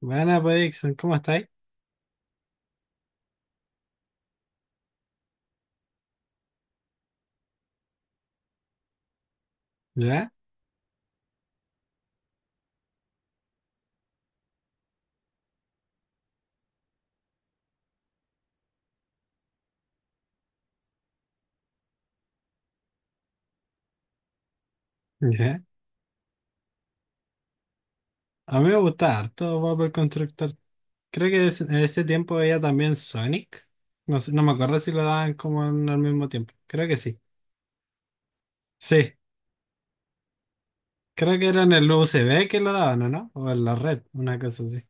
Buena, pues, Dixon, ¿cómo estáis? ¿Ya? ¿Ya? A mí me gusta harto Bob el Constructor. Creo que en ese tiempo veía también Sonic. No sé, no me acuerdo si lo daban como al mismo tiempo. Creo que sí. Sí, creo que era en el USB que lo daban, ¿o no? O en la red, una cosa así.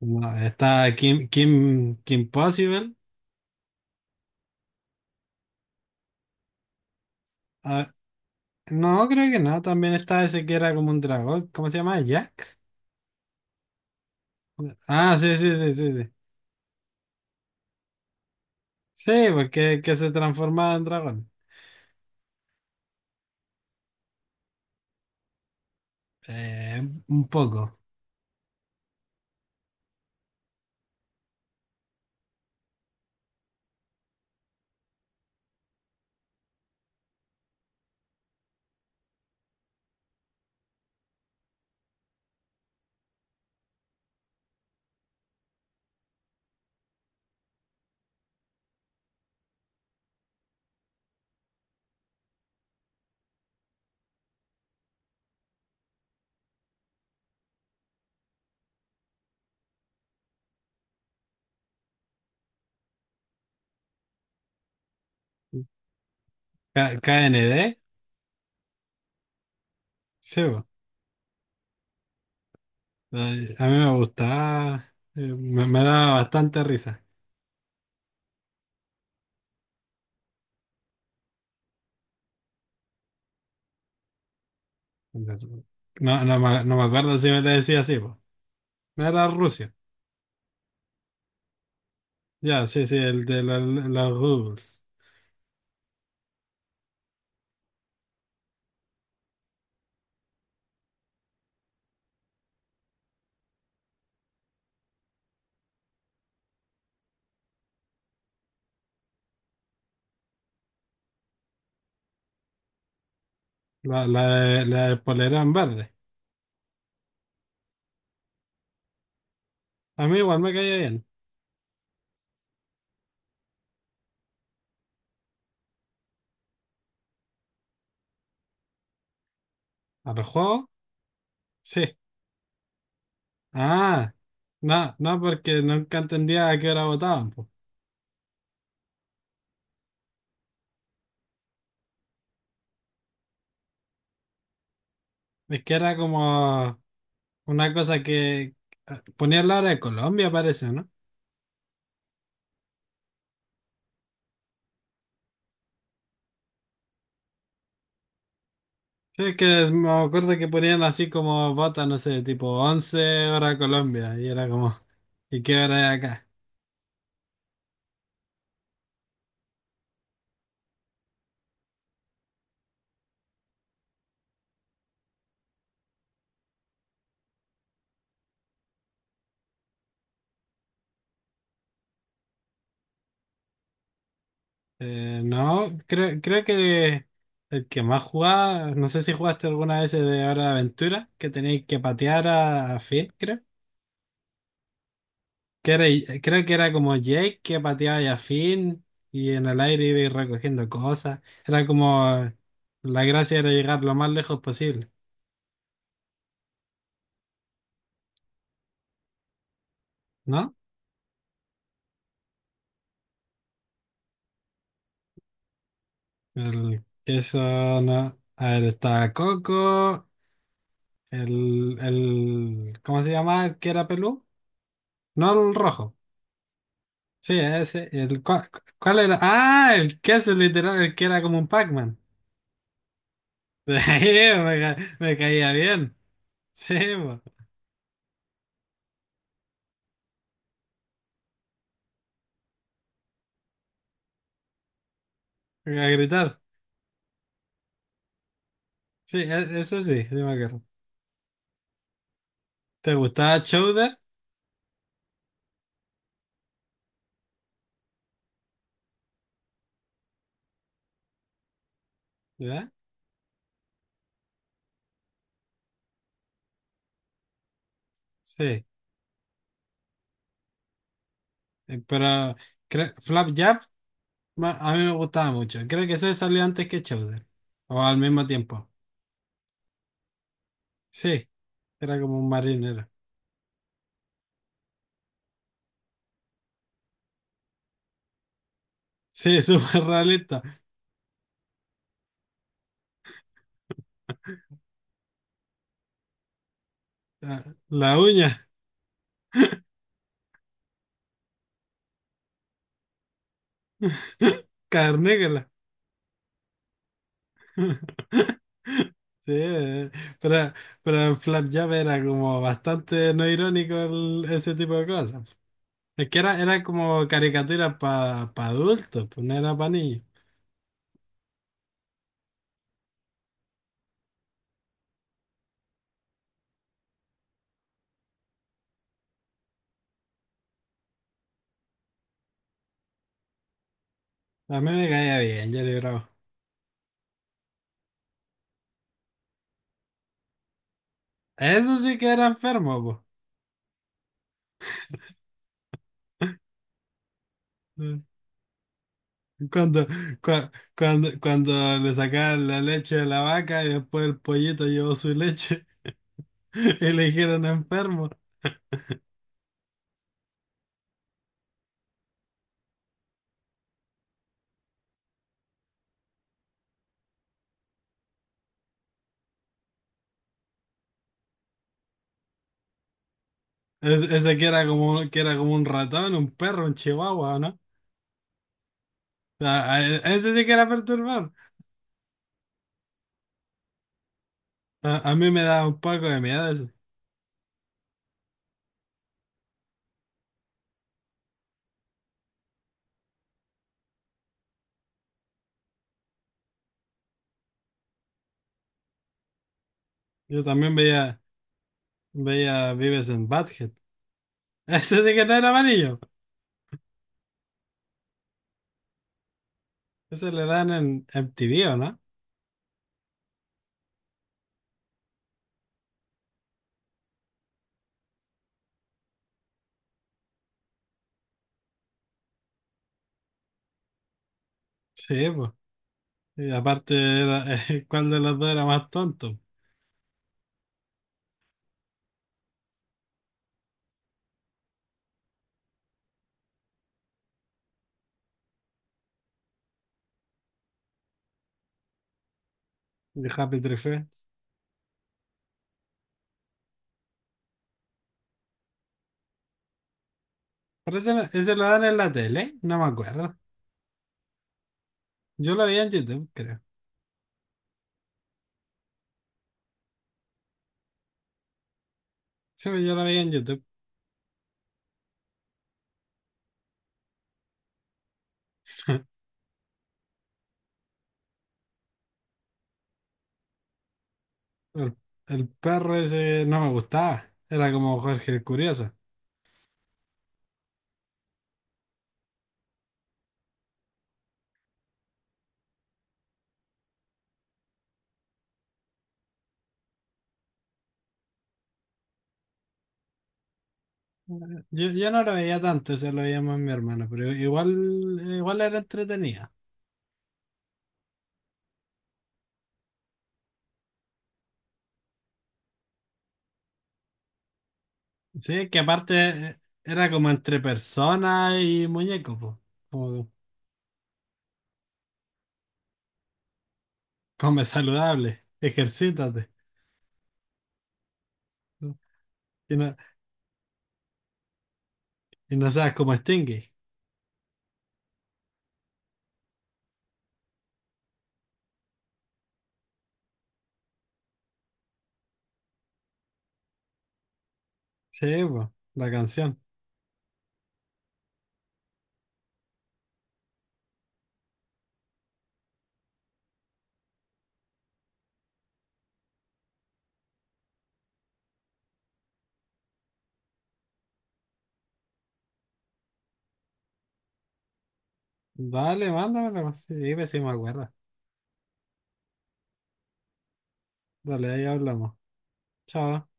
No, está Kim, Kim Possible. Ah, no, creo que no. También está ese que era como un dragón. ¿Cómo se llama? ¿Jack? Ah, sí, sí, sí, sí, sí. Sí, porque que se transformaba en dragón. Eh, un poco. KND, sí, bo. Ay, a mí me gustaba, me daba bastante risa. No, no, me no me acuerdo si me le decía así, bo. Era Rusia, ya, sí, sí, el de los Rubles, la, la del polerón verde. A mí igual me caía bien. ¿A los juegos? Sí. Ah, no, no, porque nunca entendía a qué hora votaban, po. Es que era como una cosa que ponía la hora de Colombia, parece, ¿no? Sí, que me acuerdo que ponían así como botas, no sé, tipo 11 hora Colombia, y era como, ¿y qué hora es acá? No, creo que el que más jugaba, no sé si jugaste alguna vez el de Hora de Aventura, que tenéis que patear a Finn, creo. Que era, creo que era como Jake que pateaba a Finn y en el aire iba a ir recogiendo cosas. Era como, la gracia era llegar lo más lejos posible, ¿no? El, eso no. A ver, está Coco. ¿Cómo se llama? ¿El que era pelú? No, el rojo. Sí, ese. El, ¿cuál era? Ah, el que es literal, el que era como un Pac-Man. Sí, me caía bien. Sí, po, a gritar. Sí, ese sí, sí me acuerdo. ¿Te gustaba Chowder? ¿Ya? Sí. Pero Flapjack a mí me gustaba mucho. Creo que ese salió antes que Chowder. O al mismo tiempo. Sí, era como un marinero. Sí, súper realista. La, la uña. Carnégala. Sí, pero, pero en Flapjab era como bastante no irónico ese tipo de cosas. Es que era como caricatura para adultos, pues no era para niños. A mí me caía bien, Jerry Bravo. Eso sí que era enfermo, pues. Cuando, cua- cuando le sacaban la leche de la vaca y después el pollito llevó su leche y le dijeron enfermo. Ese que era como un ratón, un perro, un chihuahua. A- a- ese sí que era perturbador. A mí me da un poco de miedo eso. Yo también veía, veía Vives en Badhead. Ese sí que no era amarillo. Ese le dan en MTV, ¿o no? Sí, pues. Y aparte, era, ¿cuál de los dos era más tonto? De Happy Tree Friends. Pero ese, ese lo dan en la tele, no me acuerdo. Yo lo veía en YouTube, creo. Sí, pues yo lo veía en YouTube. El, el perro ese no me gustaba. Era como Jorge el Curioso. Yo no lo veía tanto, se lo veía más mi hermano, pero igual, igual era entretenida. Sí, que aparte era como entre persona y muñeco, po. Como come saludable, ejercítate. ¿No? Y no, y no seas como Stingy. Sí, po, la canción. Dale, mándamela. Sí, pues sí me acuerdo. Dale, ahí hablamos. Chao.